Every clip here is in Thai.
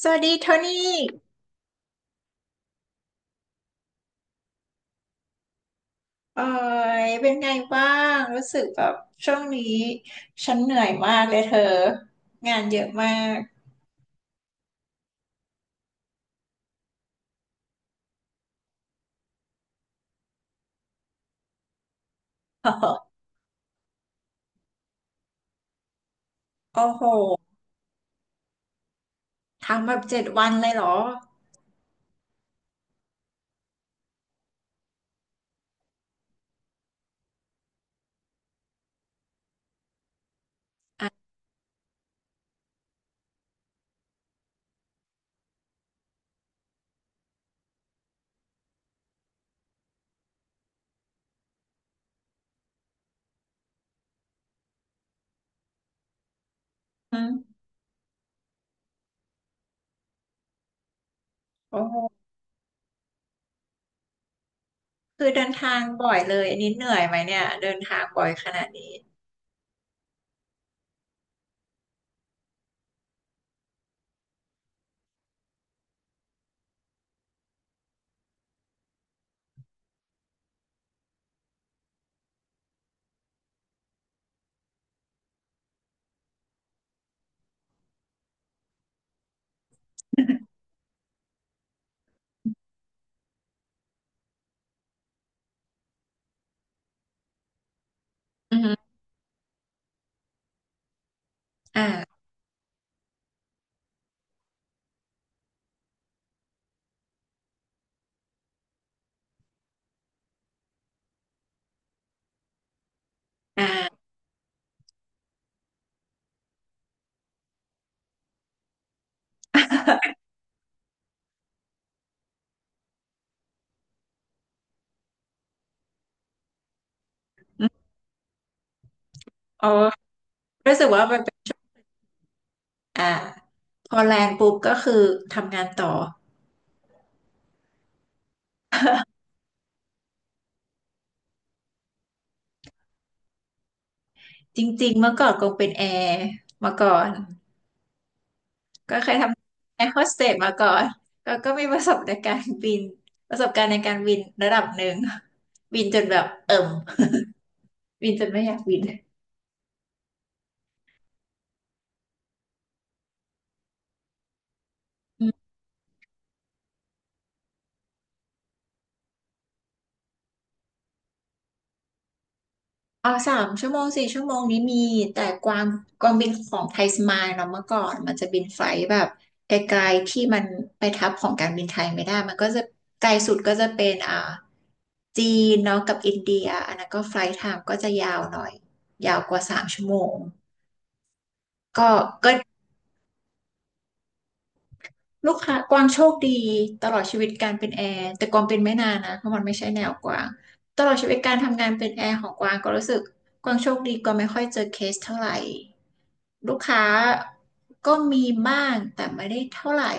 สวัสดีโทนี่เอ่ยเป็นไงบ้างรู้สึกแบบช่วงนี้ฉันเหนื่อยมากเลยเธองานเยอะมาก โอ้โหทำแบบเจ็ดวันเลยเหรออืมโอ้โหคือเดินทางบ่อยเลยอันนี้เหนื่อยไหมเนี่ยเดินทางบ่อยขนาดนี้อืมอ่าอ่า ออรู้สึกว่ามันเป็นอ่าพอแลนด์ปุ๊บก็คือทำงานต่อ จริงๆเมื่อก่อนคงเป็นแอร์มาก่อน ก็เคยทำแอร์โฮสเตสมาก่อนก็มีประสบในการบินประสบการณ์ในการบินระดับหนึ่งบินจนแบบเอิ่ม บินจนไม่อยากบินอืมอ๋อสามชั่วโมงสี่ชั่วโมงนี้มีแต่กวางบินของไทยสมายเนาะเมื่อก่อนมันจะบินไฟลท์แบบไกลๆที่มันไปทับของการบินไทยไม่ได้มันก็จะไกลสุดก็จะเป็นอ่าจีนเนาะกับอินเดียอันนั้นก็ไฟลท์ไทม์ก็จะยาวหน่อยยาวกว่าสามชั่วโมงก็ก็ ลูกค้ากวางโชคดีตลอดชีวิตการเป็นแอร์แต่กวางเป็นไม่นานนะเพราะมันไม่ใช่แนวกวางตลอดชีวิตการทำงานเป็นแอร์ของกวางก็รู้สึกกวางโชคดีกวางไม่ค่อยเจอเคสเท่าไหร่ลูกค้าก็มีบ้างแต่ไม่ได้เท่าไหร่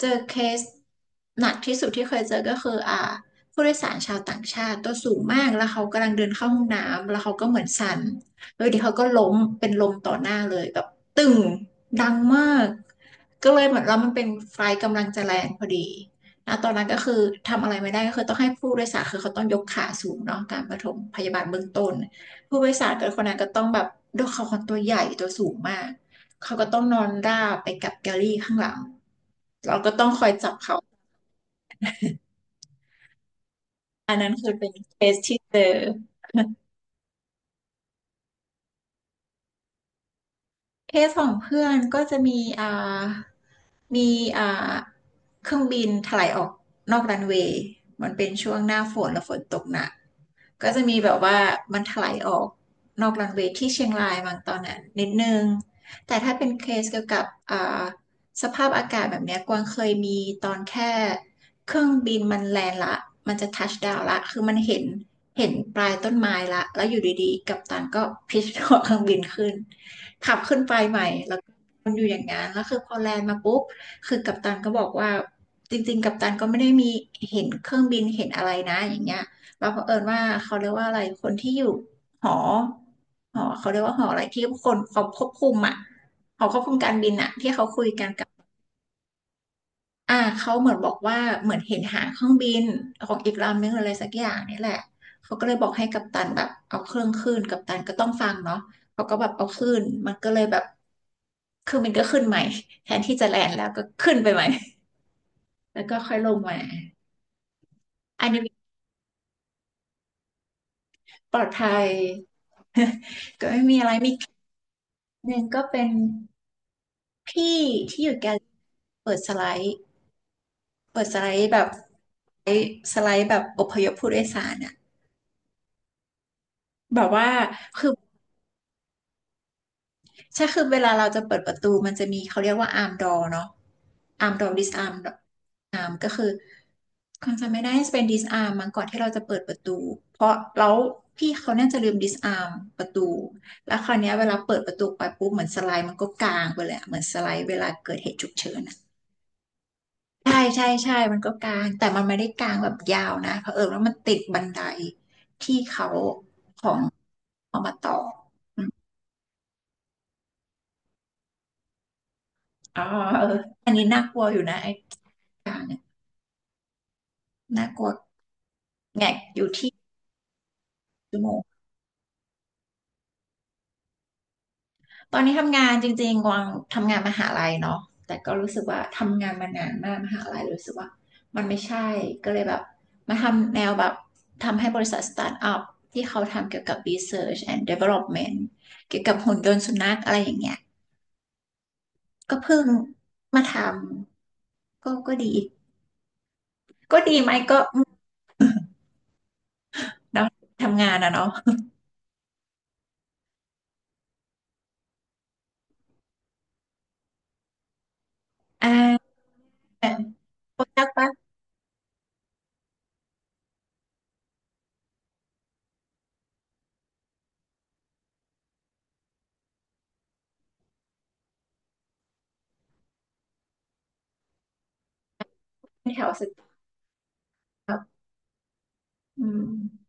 เจอเคสหนักที่สุดที่เคยเจอก็คืออ่าผู้โดยสารชาวต่างชาติตัวสูงมากแล้วเขากำลังเดินเข้าห้องน้ำแล้วเขาก็เหมือนสั่น เออเดี๋ยวเขาก็ล้มเป็นลมต่อหน้าเลยแบบตึงดังมากก็เลยเหมือนเรามันเป็นไฟล์กำลังจะแรงพอดีนะตอนนั้นก็คือทำอะไรไม่ได้ก็คือต้องให้ผู้โดยสารคือเขาต้องยกขาสูงเนาะการปฐมพยาบาลเบื้องต้นผู้โดยสารกับคนนั้นก็ต้องแบบด้วยเขาคนตัวใหญ่ตัวสูงมากเขาก็ต้องนอนราบไปกับแกลลี่ข้างหลังเราก็ต้องคอยจับเขาคือเป็นเคสที่เจอเคสของเพื่อนก็จะมีอ่า มีอ่าเครื่องบินถลายออกนอกรันเวย์มันเป็นช่วงหน้าฝนแล้วฝนตกหนักก็จะมีแบบว่ามันถลายออกนอกรันเวย์ที่เชียงรายบางตอนนั้นนิดนึงแต่ถ้าเป็นเคสเกี่ยวกับอ่าสภาพอากาศแบบเนี้ยกวางเคยมีตอนแค่เครื่องบินมันแลนด์ละมันจะทัชดาวน์ละคือมันเห็นปลายต้นไม้ละแล้วอยู่ดีๆกัปตันก็พิชหัวเครื่องบินขึ้นขับขึ้นไปใหม่แล้วก็มันอยู่อย่างนั้นแล้วคือพอแลนด์มาปุ๊บ คือกัปตันก็บอกว่าจริงๆกัปตันก็ไม่ได้มีเห็นเครื่องบินเห็นอะไรนะอย่างเงี้ยเราเผอิญว่าเขาเรียกว่าอะไรคนที่อยู่หอเขาเรียกว่าหออะไรที่คนเขาควบคุมอ่ะหอควบคุมการบินอ่ะที่เขาคุยกันกับอ่าเขาเหมือนบอกว่าเหมือนเห็นหางเครื่องบินของอีกลำนึงอะไรสักอย่างนี่แหละเขาก็เลยบอกให้กัปตันแบบเอาเครื่องขึ้นกัปตันก็ต้องฟังเนาะเขาก็แบบเอาขึ้นมันก็เลยแบบเครืองบินก็ขึ้นใหม่แทนที่จะแลนด์แล้วก็ขึ้นไปใหม่ แล้วก็ค่อยลงมาอันนี้ปลอดภัย ก็ไม่มีอะไรมีคลิปหนึ่งก็เป็นพี่ที่อยู่แกลเปิดสไลด์ เปิดสไลด์แบบสไลด์แบบอพยพผู้โดยสารอะแบบว่าคือ ใช่คือเวลาเราจะเปิดประตูมันจะมีเขาเรียกว่าอาร์มดอเนาะอาร์มดอดิสอาร์มอาร์มก็คือความจำไม่ได้เป็นดิสอาร์มมันก่อนที่เราจะเปิดประตูเพราะแล้วพี่เขาน่าจะลืมดิสอาร์มประตูแล้วคราวเนี้ยเวลาเปิดประตูไปปุ๊บเหมือนสไลด์มันก็กลางไปเลยอะเหมือนสไลด์เวลาเกิดเหตุฉุกเฉินอะใช่ใช่ใช่มันก็กลางแต่มันไม่ได้กลางแบบยาวนะเผอิญว่ามันติดบันไดที่เขาของเอามาต่ออมอ๋อเอออันนี้น่ากลัวอยู่นะ อย่างเนี่ยน่ากลัวแงกอยู่ที่ชั่วโมงตอนนี้ทำงานจริงๆกวางทำงานมหาลัยเนาะแต่ก็รู้สึกว่าทำงานมานานมากมหาลัยรู้สึกว่ามันไม่ใช่ก็เลยแบบมาทำแนวแบบทำให้บริษัทสตาร์ทอัพที่เขาทำเกี่ยวกับ Research and Development เกี่ยวกับหุ่นยนต์สุนัขอะไรอย่างเงี้ยก็เพิ่งมาทำก็ดีก็ดีไหมก็อืมเนาะทำงานอะเนาะ อ่าโปรดักต์ปะแถวสุดครับอืม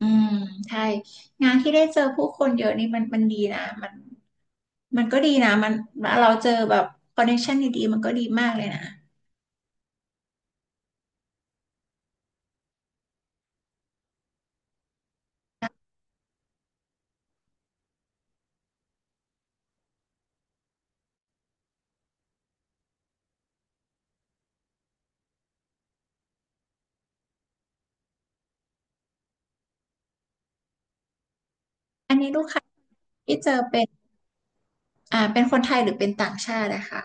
อืมใช่งานที่ได้เจอผู้คนเยอะนี่มันดีนะมันก็ดีนะมันเราเจอแบบคอนเนคชั่นดีๆมันก็ดีมากเลยนะอันนี้ลูกค้าที่เจอเป็นเป็นคนไทยหรือเป็นต่างชาตินะคะ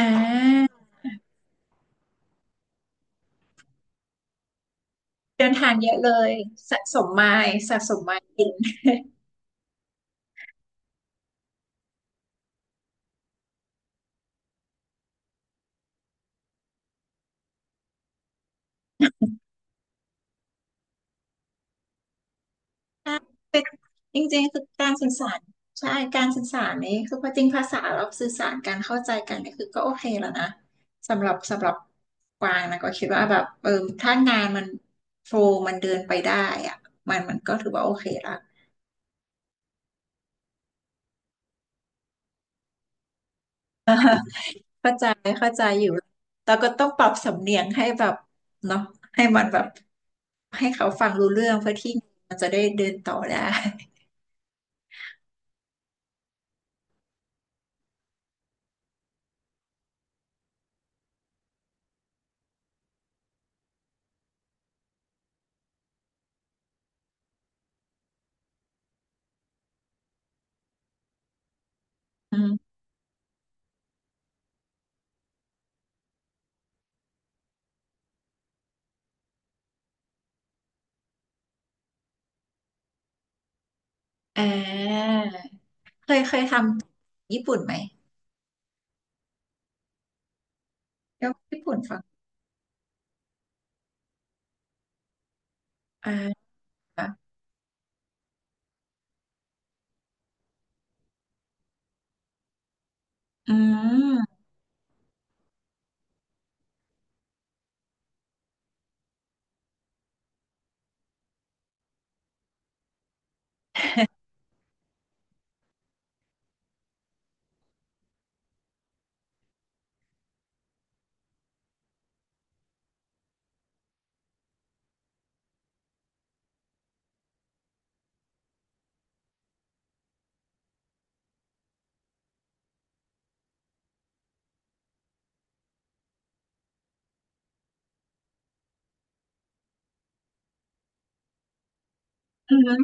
อ่าเดินทางเยอะเลยสะสมไมล์สะสมไมล์กิน ใช่เป็นจริงๆคือการสื่อสารใช่การสื่อสารนี้คือพอจริงภาษาเราสื่อสารการเข้าใจกันนี่คือก็โอเคแล้วนะสำหรับกวางนะก็คิดว่าแบบเออถ้างานมันโฟลมันเดินไปได้อะมันก็ถือว่าโอเคละ เข้าใจเข้าใจอยู่แต่ก็ต้องปรับสำเนียงให้แบบเนาะให้มันแบบให้เขาฟังรู้เรื่องเพื่อที่มันจะได้เดินต่อได้ อืมอ่าเคยเคยทำญี่ปุ่นไหม แล้วญี่ปุ่นฟังอ่าอืมอืม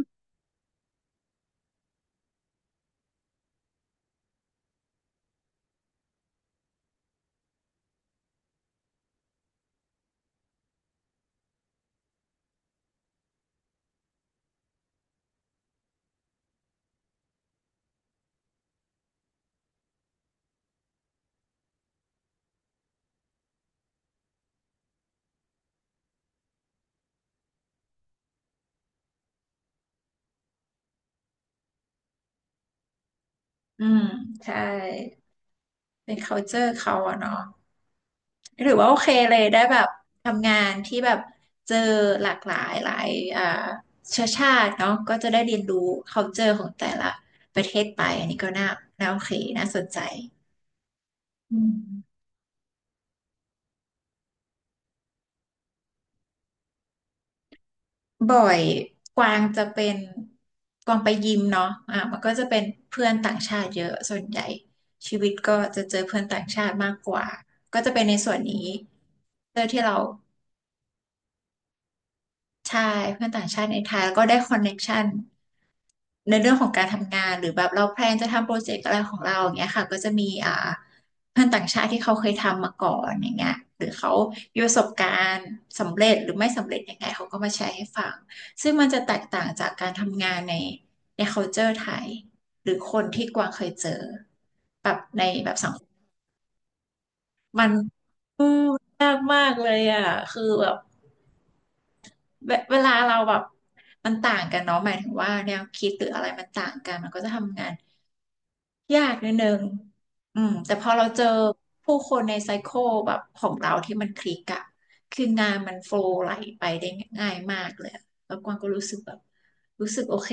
อืมใช่ เป็น culture เขาอะเนาะหรือว่าโอเคเลย ได้แบบทำงานที่แบบเจอหลากหลายหลายอ่าเชื้อชาติเนาะก็จะได้เรียนรู้ culture ของแต่ละประเทศไป อันนี้ก็น่าโอเค น่าสนใจอืม บ่อยกวางจะเป็นกวางไปยิมเนาะอ่ะมันก็จะเป็นเพื่อนต่างชาติเยอะส่วนใหญ่ชีวิตก็จะเจอเพื่อนต่างชาติมากกว่าก็จะเป็นในส่วนนี้เพื่อที่เราใช่เพื่อนต่างชาติในไทยแล้วก็ได้คอนเน็กชัน ในเรื่องของการทำงานหรือแบบเราแพลนจะทำโปรเจกต์อะไรของเราอย่างเงี้ยค่ะก็จะมีเพื่อนต่างชาติที่เขาเคยทำมาก่อนอย่างเงี้ยหรือเขามีประสบการณ์สำเร็จหรือไม่สำเร็จยังไงเขาก็มาแชร์ให้ฟังซึ่งมันจะแตกต่างจากการทำงานใน culture ไทยหรือคนที่กวางเคยเจอแบบในแบบสังคมมันอืมยากมากเลยอ่ะคือแบบเวลาเราแบบมันต่างกันเนาะหมายถึงว่าแนวคิดหรืออะไรมันต่างกันมันก็จะทำงาน ยากนิดนึงอืมแต่พอเราเจอผู้คนในไซเคิลแบบของเราที่มันคลิกอะคืองานมันโฟลว์ไหลไปได้ง่ายมากเลยอะแล้วกวางก็รู้สึกโอเค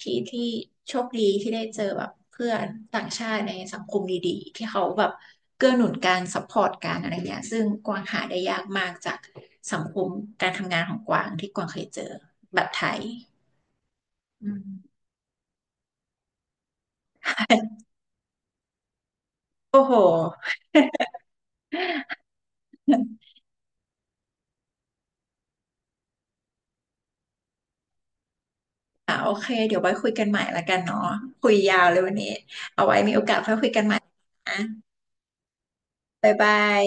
ที่โชคดีที่ได้เจอแบบเพื่อนต่างชาติในสังคมดีๆที่เขาแบบเกื้อหนุนการซัพพอร์ตการอะไรเงี้ยซึ่งกวางหาได้ยากมากจากสังคมการทำงานของกวางที่กวางเคยเจอแบบไทยอืม โอ้โห อ่ะโอเคเดี๋ยวไว้คุยกันใหม่ละกันเนาะคุยยาวเลยวันนี้อ่ะบ๊ายบาย